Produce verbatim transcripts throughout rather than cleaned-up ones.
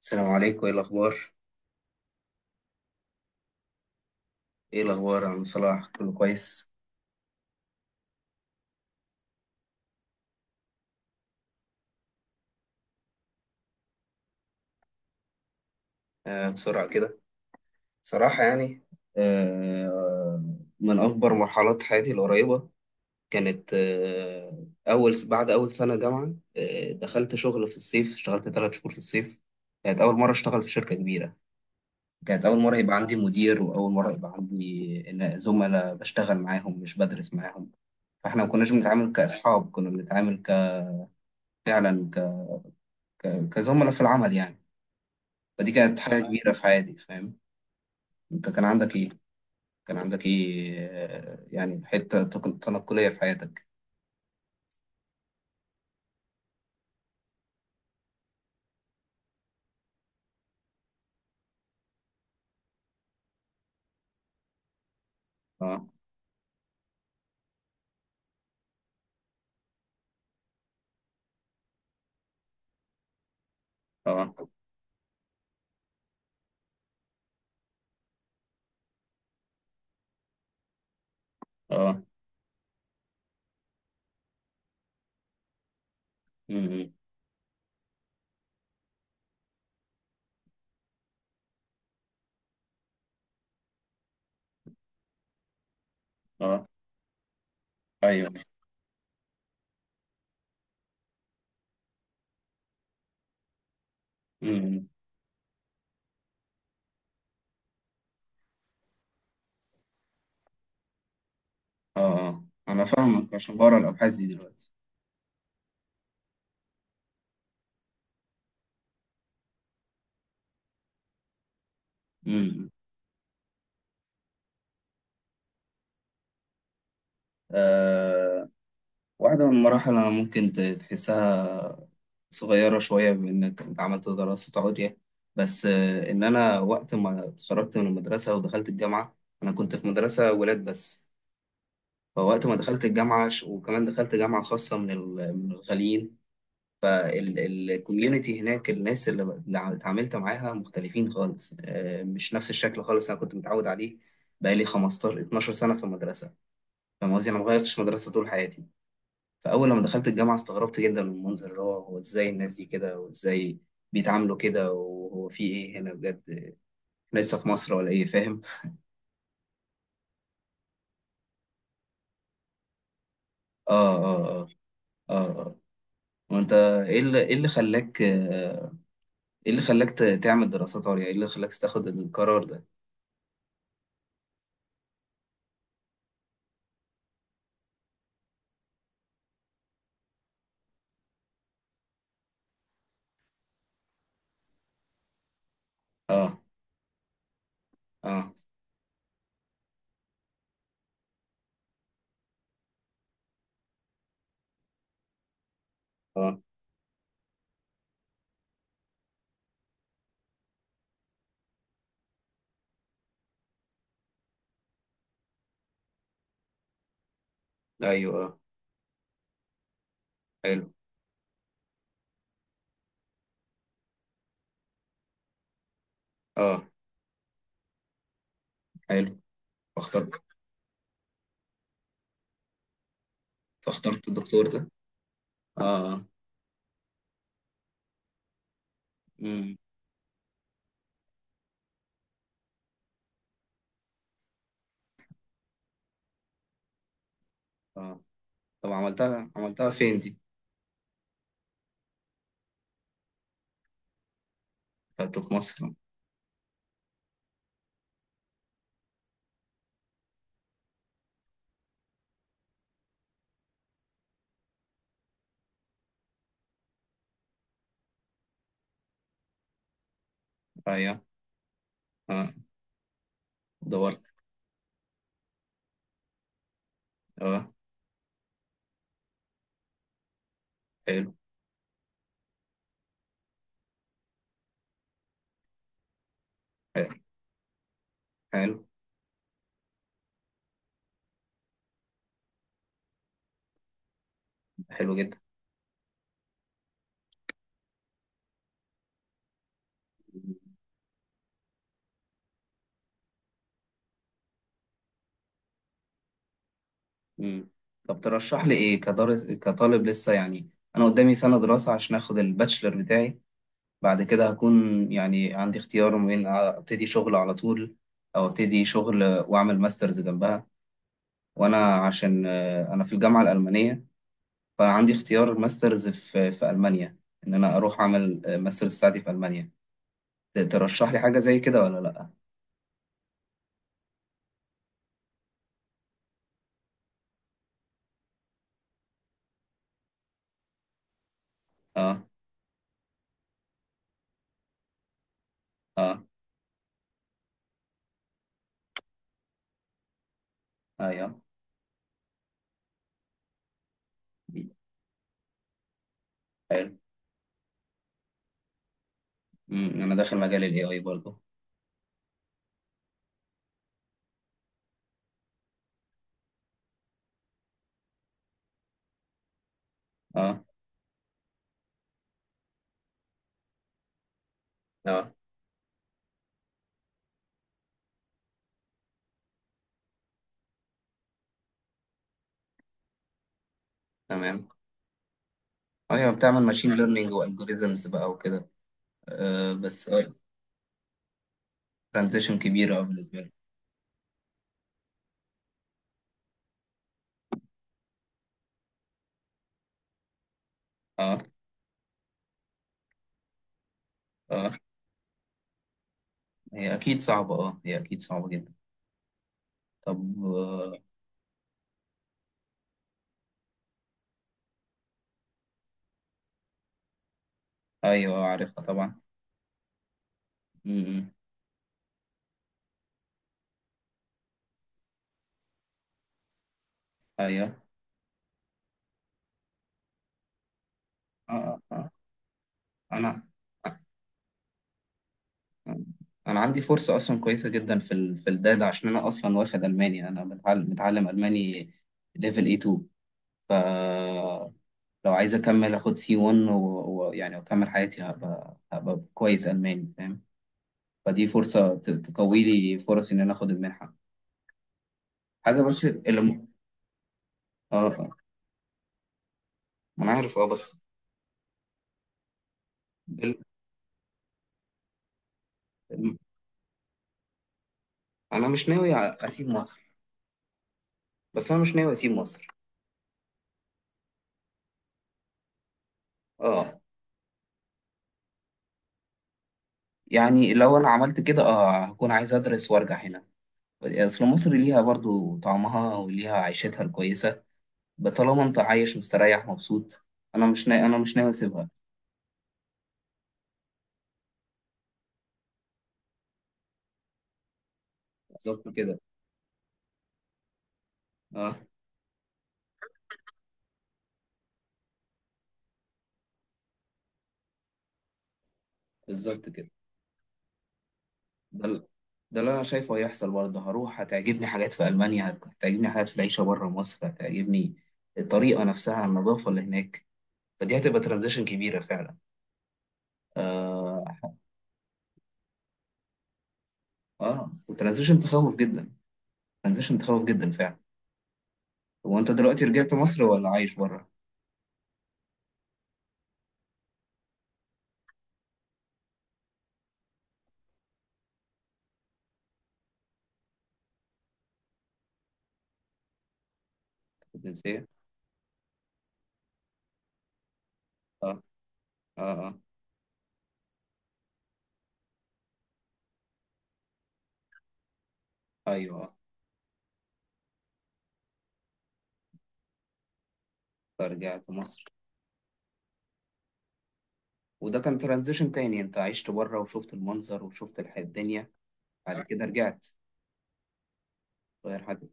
السلام عليكم، ايه الاخبار؟ ايه الاخبار يا عم صلاح؟ كله كويس. آه، بسرعه كده. صراحه، يعني. آه. من اكبر مرحلات حياتي القريبه كانت آه اول بعد اول سنه جامعه، آه دخلت شغل في الصيف، اشتغلت ثلاث شهور في الصيف. كانت اول مره اشتغل في شركه كبيره. كانت اول مره يبقى عندي مدير، واول مره يبقى عندي إن- زملاء بشتغل معاهم، مش بدرس معاهم. فاحنا ما كناش بنتعامل كاصحاب، كنا بنتعامل ك- فعلا ك- ك- كزملاء في العمل، يعني. فدي كانت حاجة كبيرة في حياتي، فاهم؟ انت كان عندك ايه؟ كان عندك ايه، آه، يعني، حتة تك- تنقلية في حياتك؟ اه. اه. اه. امم. اه. ايوه. امم. اه. اه. انا فاهمك، عشان بقرا الابحاث دي دلوقتي. امم. آه واحدة من المراحل انا ممكن ت- تحسها صغيرة شوية، بانك انت عملت دراسة عليا، بس آه، ان انا وقت ما اتخرجت من المدرسة ودخلت الجامعة، انا كنت في مدرسة ولاد بس. فوقت ما دخلت الجامعة، ش- وكمان دخلت جامعة خاصة من ال- من الغاليين. فالكوميونتي هناك، الناس اللي ب- اللي ع- اتعاملت معاها مختلفين خالص، آه، مش نفس الشكل خالص أنا كنت متعود عليه. بقالي خمسة عشر 12 سنة في المدرسة. فاهم قصدي؟ أنا ما غيرتش مدرسة طول حياتي. فأول لما دخلت الجامعة استغربت جدا من المنظر، اللي هو هو إزاي الناس دي كده، وإزاي بيتعاملوا كده، وهو في إيه هنا؟ بجد إحنا لسه في مصر ولا إيه؟ فاهم؟ آه. آه. آه. آه. آه. وأنت، إيه اللي إيه اللي خلاك، آه، ايه اللي خلاك ت- تعمل دراسات عليا؟ ايه اللي خلاك تاخد القرار ده؟ اه. اه. اه. ايوه. اه. حلو. اه. حلو. فاخترت فاخترت الدكتور ده. اه. اه. امم. اه. طب عملتها عملتها فين دي؟ خدته في مصر. ايوه. اه. دورت. اه. حلو. حلو. حلو. حلو جدا. امم. طب ترشح لي ايه كدرس كطالب لسه، يعني؟ انا قدامي سنة دراسة عشان اخد الباتشلر بتاعي. بعد كده هكون، يعني، عندي اختيار ما بين ابتدي شغل على طول، او ابتدي شغل واعمل ماسترز جنبها. وانا، عشان آه، انا في الجامعه الالمانيه، فعندي اختيار ماسترز في في المانيا، ان انا اروح اعمل آه، ماسترز بتاعتي في المانيا. ت- ترشح لي حاجه زي كده ولا لا؟ اه. اه. ايوه. حلو. أمم، انا داخل مجال الاي اي برضه. اه. اه. تمام. ايوه، بتعمل ماشين ليرنينج والجوريزمز بقى وكده. آه بس، اه، ترانزيشن كبيره بالنسبه لي. اه. اه. هي أكيد صعبة، أه هي أكيد صعبة جدا. طب، آه، أيوه، آه، عارفها طبعا. م- م. أيوه. آه. آه. آه. أنا أنا عندي فرصة أصلا كويسة جدا في ال... في الداتا، عشان أنا أصلا واخد ألماني، أنا متعلم, متعلم ألماني، ليفل إيه اتنين. فلو عايز أكمل، أخد C one، ويعني و... و- يعني أكمل حياتي، هبقى هبقى كويس ألماني، فاهم؟ فدي فرصة ت... تقوي لي فرص إن أنا أخد المنحة. حاجة بس اللي م... آه. آه. أنا عارف. أه، بس انا مش ناوي اسيب مصر. بس انا مش ناوي اسيب مصر. اه. يعني لو انا عملت كده، اه، هكون عايز ادرس وارجع هنا. اصل مصر ليها برضو طعمها وليها عيشتها الكويسه. طالما انت عايش مستريح مبسوط. انا مش نا... انا مش ناوي اسيبها. بالظبط كده. اه، بالظبط كده. ده ال- ده اللي انا شايفه هيحصل برضه. هروح، هتعجبني حاجات في المانيا، هت- هتعجبني حاجات في العيشه بره مصر، هتعجبني الطريقه نفسها، النظافه اللي هناك. فدي هتبقى ترانزيشن كبيره فعلا. آه. اه، وترانزيشن تخوف جدا. ترانزيشن تخوف جدا فعلا. هو انت دلوقتي رجعت مصر ولا عايش بره؟ الجنسية. اه. اه. اه. ايوه. اه. فرجعت مصر. وده كان ترانزيشن تاني، انت عشت بره وشفت المنظر، وشفت الح- الدنيا. بعد كده رجعت. غير حاجة؟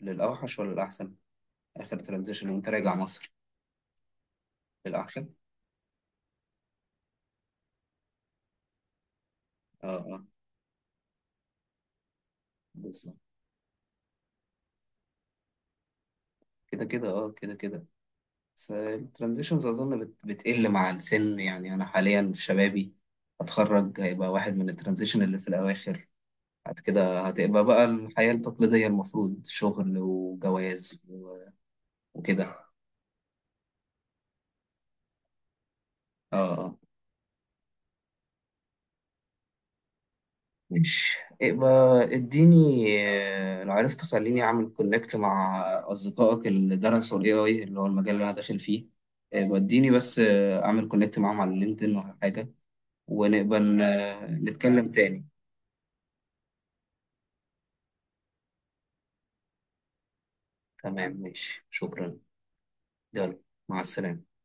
للأوحش ولا الأحسن؟ آخر ترانزيشن وانت راجع مصر؟ للأحسن. اه. اه. بالظبط. كده كده. اه، كده كده. بس الترانزيشنز أظن بت- بتقل مع السن، يعني أنا حاليا في شبابي، هتخرج هيبقى واحد من الترانزيشن اللي في الأواخر. بعد كده هتبقى بقى الحياة التقليدية المفروض، شغل وجواز و- وكده. اه. اه. ماشي، يبقى اديني آه، لو عرفت خليني اعمل كونكت مع اصدقائك اللي درسوا الاي اي، اللي هو المجال اللي انا داخل فيه. يبقى اديني بس آه، اعمل كونكت معاهم على لينكدين ولا حاجة، ونبقى ن- آه، نتكلم تاني. تمام، ماشي، شكرا. يلا، مع السلامة.